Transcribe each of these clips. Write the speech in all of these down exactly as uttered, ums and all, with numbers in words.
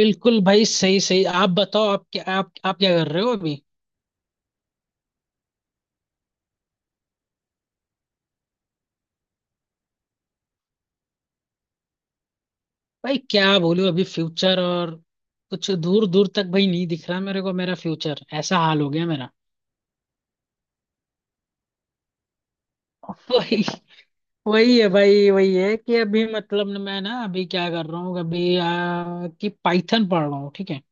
बिल्कुल भाई, सही सही आप बताओ। आप क्या आप आप क्या कर रहे हो अभी? भाई क्या बोलूं, अभी फ्यूचर और कुछ दूर दूर तक भाई नहीं दिख रहा मेरे को। मेरा फ्यूचर ऐसा हाल हो गया मेरा। वही वही है भाई। वही है कि अभी मतलब न मैं ना अभी क्या कर रहा हूँ अभी, आ, कि पाइथन पढ़ रहा हूँ, ठीक है।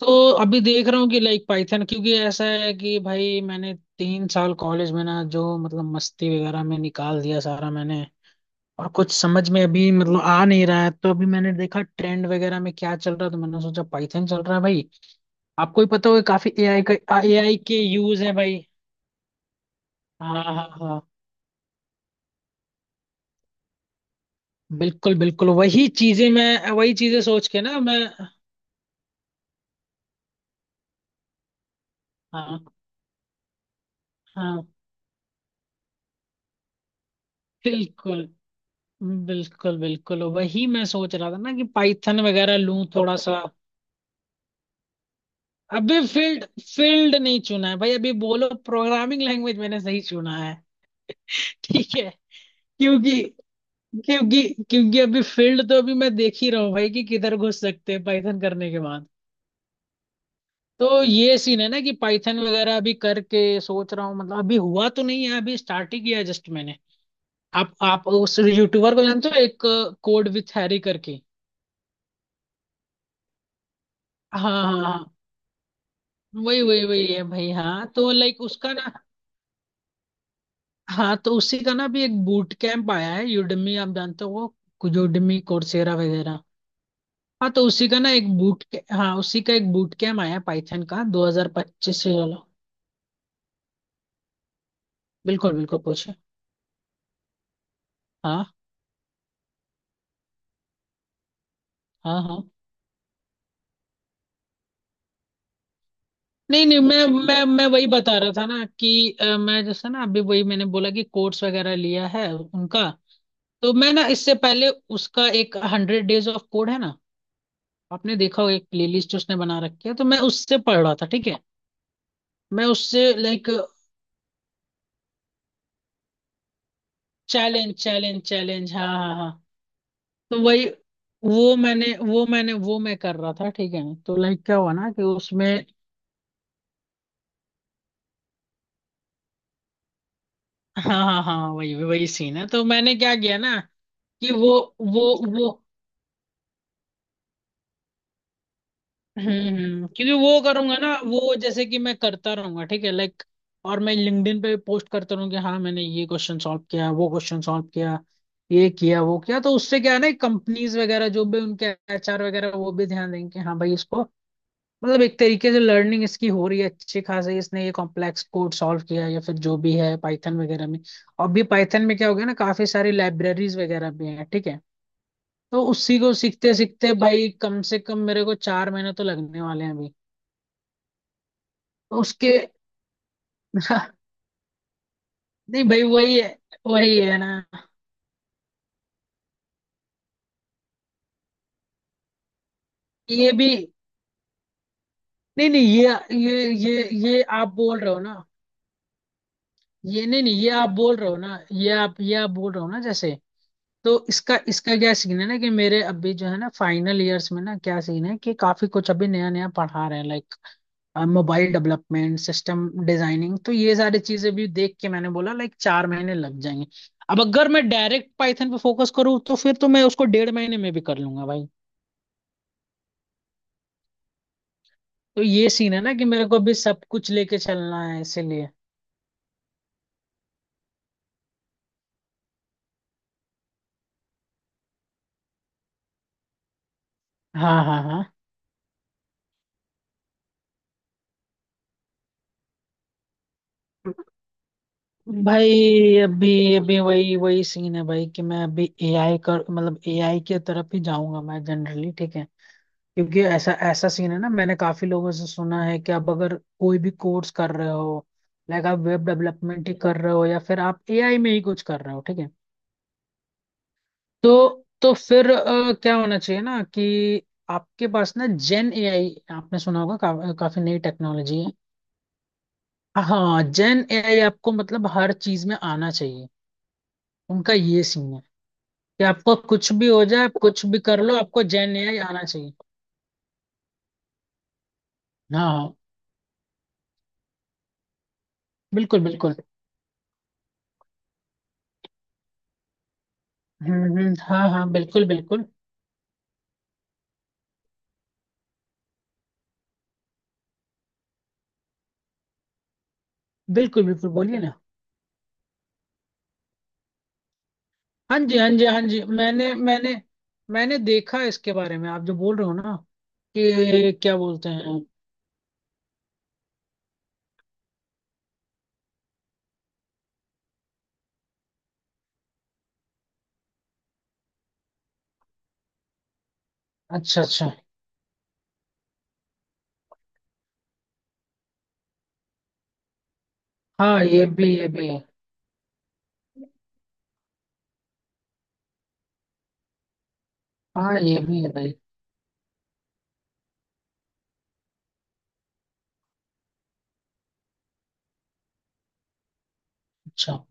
तो अभी देख रहा हूँ कि लाइक पाइथन, क्योंकि ऐसा है कि भाई मैंने तीन साल कॉलेज में ना जो मतलब मस्ती वगैरह में निकाल दिया सारा मैंने। और कुछ समझ में अभी मतलब आ नहीं रहा है, तो अभी मैंने देखा ट्रेंड वगैरह में क्या चल रहा है, तो मैंने सोचा पाइथन चल रहा है भाई। आपको ही पता होगा, काफी एआई का एआई के यूज है भाई। हाँ हाँ हाँ, बिल्कुल बिल्कुल, वही चीजें मैं वही चीजें सोच के ना मैं। हाँ हाँ, बिल्कुल बिल्कुल बिल्कुल, वही मैं सोच रहा था ना कि पाइथन वगैरह लूं थोड़ा सा। अभी फील्ड फील्ड नहीं चुना है भाई। अभी बोलो प्रोग्रामिंग लैंग्वेज मैंने सही चुना है? ठीक है। क्योंकि क्योंकि क्योंकि अभी फील्ड तो अभी मैं देख ही रहा हूँ भाई कि किधर घुस सकते हैं पाइथन करने के बाद। तो ये सीन है ना कि पाइथन वगैरह अभी करके सोच रहा हूँ, मतलब अभी हुआ तो नहीं है, अभी स्टार्ट ही किया है जस्ट मैंने। आप आप उस यूट्यूबर को जानते हो एक, कोड विथ हैरी करके? हाँ हाँ हाँ, वही वही वही है भाई। हाँ तो लाइक उसका ना। हाँ तो उसी का ना भी एक बूट कैंप आया है, यूडमी आप जानते हो वो, यूडमी कोर्सेरा वगैरह। हाँ तो उसी का ना एक बूट, हाँ उसी का एक बूट कैम्प आया पाइथन का दो हज़ार पच्चीस से। चलो, बिल्कुल बिल्कुल पूछे। हाँ हाँ हाँ, नहीं नहीं, मैं मैं मैं वही बता रहा था ना कि अ, मैं जैसा ना अभी वही मैंने बोला कि कोर्स वगैरह लिया है उनका। तो मैं ना इससे पहले, उसका एक हंड्रेड डेज ऑफ कोड है ना, आपने देखा होगा एक प्लेलिस्ट उसने बना रखी है, तो मैं उससे पढ़ रहा था, ठीक है। मैं उससे लाइक चैलेंज चैलेंज चैलेंज, हाँ हाँ हाँ। तो वही, वो मैंने वो मैंने वो मैं कर रहा था, ठीक है। तो लाइक क्या हुआ ना कि उसमें, हाँ हाँ हाँ, वही वही सीन है। तो मैंने क्या किया ना कि वो वो वो हम्म हम्म, क्योंकि वो करूंगा ना वो जैसे कि मैं करता रहूंगा, ठीक है लाइक। और मैं लिंक्डइन पे पोस्ट करता रहूँ कि हाँ मैंने ये क्वेश्चन सॉल्व किया, वो क्वेश्चन सॉल्व किया, ये किया, वो किया, तो उससे क्या है ना कंपनीज वगैरह जो भी उनके एचआर वगैरह वो भी ध्यान देंगे कि हाँ भाई इसको, मतलब एक तरीके से लर्निंग इसकी हो रही है अच्छी खासी, इसने ये कॉम्प्लेक्स कोड सॉल्व किया है या फिर जो भी है पाइथन वगैरह में। और भी पाइथन में क्या हो गया ना, काफी सारी लाइब्रेरीज वगैरह भी हैं, ठीक है। तो उसी को सीखते सीखते भाई कम से कम मेरे को चार महीने तो लगने वाले हैं अभी। तो उसके नहीं भाई, वही है, वही है ना ये भी। नहीं नहीं, ये ये ये ये आप बोल रहे हो ना। ये नहीं नहीं, ये आप बोल रहे हो ना, ये आप ये आप बोल रहे हो ना, जैसे। तो इसका इसका क्या सीन है ना कि मेरे अभी जो है ना फाइनल ईयर्स में ना क्या सीन है कि काफी कुछ अभी नया नया पढ़ा रहे हैं like mobile development, system designing, तो ये सारी चीजें भी देख के मैंने बोला लाइक चार महीने लग जाएंगे। अब अगर मैं डायरेक्ट पाइथन पे फोकस करूँ तो फिर तो मैं उसको डेढ़ महीने में भी कर लूंगा भाई। तो ये सीन है ना कि मेरे को अभी सब कुछ लेके चलना है इसीलिए। हाँ हाँ हाँ, भाई अभी, अभी वही वही सीन है भाई कि मैं अभी एआई कर मतलब एआई की तरफ ही जाऊंगा मैं जनरली, ठीक है। क्योंकि ऐसा ऐसा सीन है ना, मैंने काफी लोगों से सुना है कि आप अगर कोई भी कोर्स कर रहे हो, लाइक आप वेब डेवलपमेंट ही कर रहे हो या फिर आप एआई में ही कुछ कर रहे हो, ठीक है। तो तो फिर अ, क्या होना चाहिए ना कि आपके पास ना जेन एआई आपने सुना होगा का, काफी नई टेक्नोलॉजी है। हाँ जेन एआई आपको मतलब हर चीज में आना चाहिए। उनका ये सीन है कि आपको कुछ भी हो जाए, आप कुछ भी कर लो, आपको जेन एआई आना चाहिए। हाँ हाँ बिल्कुल बिल्कुल। हम्म हम्म, हाँ हाँ बिल्कुल बिल्कुल बिल्कुल। बिल्कुल बोलिए ना। हाँ जी हाँ जी हाँ जी, मैंने मैंने मैंने देखा इसके बारे में आप जो बोल रहे हो ना कि क्या बोलते हैं। अच्छा अच्छा, हाँ ये भी ये भी है। हाँ ये भी है भाई। अच्छा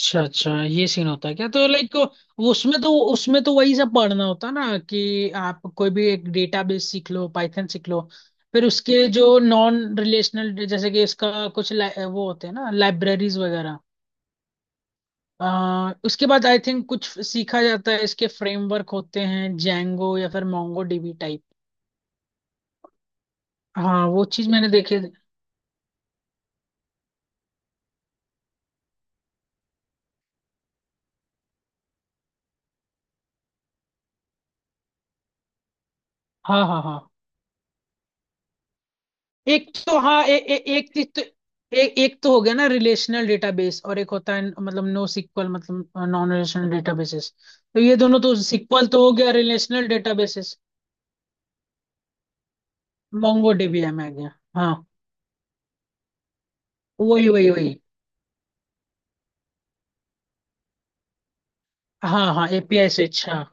अच्छा अच्छा, ये सीन होता है क्या? तो लाइक उसमें तो उसमें तो वही सब पढ़ना होता ना कि आप कोई भी एक डेटाबेस सीख लो, पाइथन सीख लो, फिर उसके जो नॉन रिलेशनल जैसे कि इसका कुछ ला- वो होते हैं ना लाइब्रेरीज वगैरह। आ, उसके बाद आई थिंक कुछ सीखा जाता है, इसके फ्रेमवर्क होते हैं, जैंगो या फिर मोंगो डीबी टाइप। हाँ वो चीज मैंने देखी है। हाँ हाँ हाँ। एक तो हाँ, ए, ए, एक चीज तो ए, एक तो हो गया ना रिलेशनल डेटाबेस, और एक होता है मतलब नो सिक्वल, मतलब नॉन रिलेशनल डेटाबेसेस। तो ये दोनों, तो सिक्वल तो हो गया रिलेशनल डेटाबेसेस। मोंगो डीबी है, मैं गया। हाँ वही वही वही। हाँ हाँ, एपीआई स्विच, हाँ।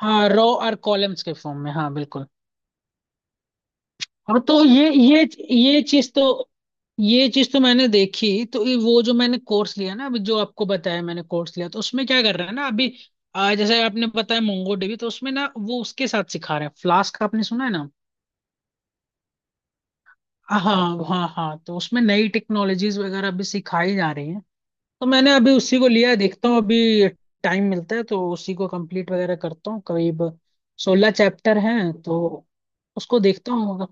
हाँ, रो और कॉलम्स के फॉर्म में, हाँ बिल्कुल। हाँ तो ये ये ये चीज तो ये चीज तो मैंने देखी, तो ये वो जो मैंने कोर्स लिया ना अभी जो आपको बताया, मैंने कोर्स लिया तो उसमें क्या कर रहे हैं ना अभी, आ, जैसे आपने बताया मोंगो डीबी, तो उसमें ना वो उसके साथ सिखा रहे हैं फ्लास्क, आपने सुना है ना। हाँ हाँ हाँ, तो उसमें नई टेक्नोलॉजीज वगैरह अभी सिखाई जा रही हैं। तो मैंने अभी उसी को लिया है, देखता हूँ अभी टाइम मिलता है तो उसी को कंप्लीट वगैरह करता हूँ, करीब सोलह चैप्टर हैं, तो उसको देखता हूँ।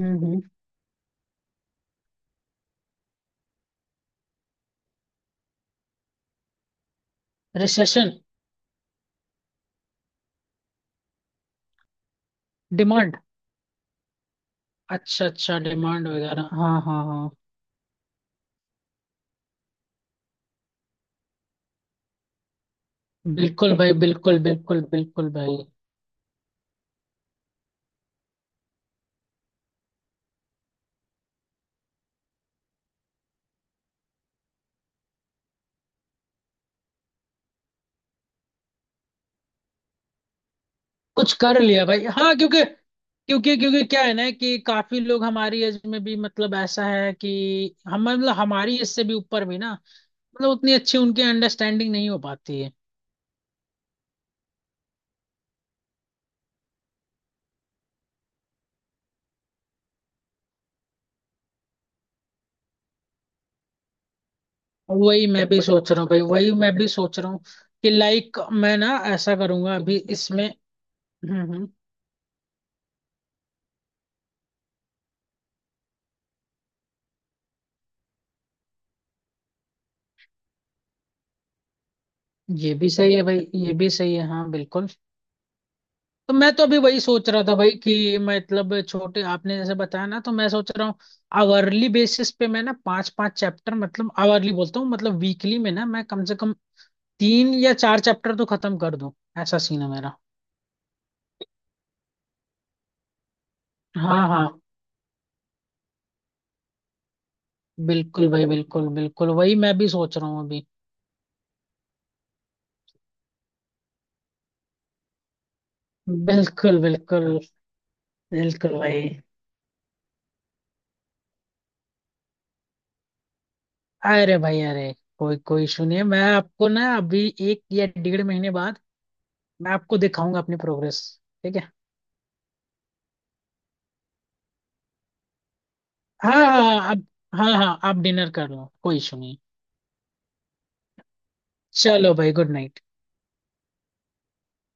हम्म। Recession, demand. अच्छा अच्छा, डिमांड वगैरह, हाँ हाँ हाँ। बिल्कुल भाई, बिल्कुल बिल्कुल बिल्कुल भाई। कुछ कर लिया भाई, हाँ क्योंकि क्योंकि क्योंकि क्या है ना कि काफी लोग हमारी एज में भी मतलब ऐसा है कि हम मतलब हमारी एज से भी ऊपर भी ना, मतलब उतनी अच्छी उनकी अंडरस्टैंडिंग नहीं हो पाती है। वही मैं भी सोच रहा हूँ भाई, वही मैं भी सोच रहा हूँ कि लाइक मैं ना ऐसा करूंगा अभी इसमें। हम्म हम्म। ये भी सही है भाई, ये भी सही है, हाँ बिल्कुल। तो मैं तो अभी वही सोच रहा था भाई कि मतलब छोटे, आपने जैसे बताया ना, तो मैं सोच रहा हूँ आवरली बेसिस पे मैं ना पांच पांच चैप्टर, मतलब आवरली बोलता हूँ मतलब वीकली में ना मैं कम से कम तीन या चार चैप्टर तो खत्म कर दूं, ऐसा सीन है मेरा। हाँ हाँ बिल्कुल भाई, बिल्कुल बिल्कुल वही मैं भी सोच रहा हूँ अभी। बिल्कुल बिल्कुल बिल्कुल भाई। अरे भाई अरे, कोई कोई इशू नहीं है। मैं आपको ना अभी एक या डेढ़ महीने बाद मैं आपको दिखाऊंगा अपनी प्रोग्रेस, ठीक है? हाँ हाँ आप, हाँ हाँ आप डिनर कर लो, कोई इशू नहीं। चलो भाई, गुड नाइट।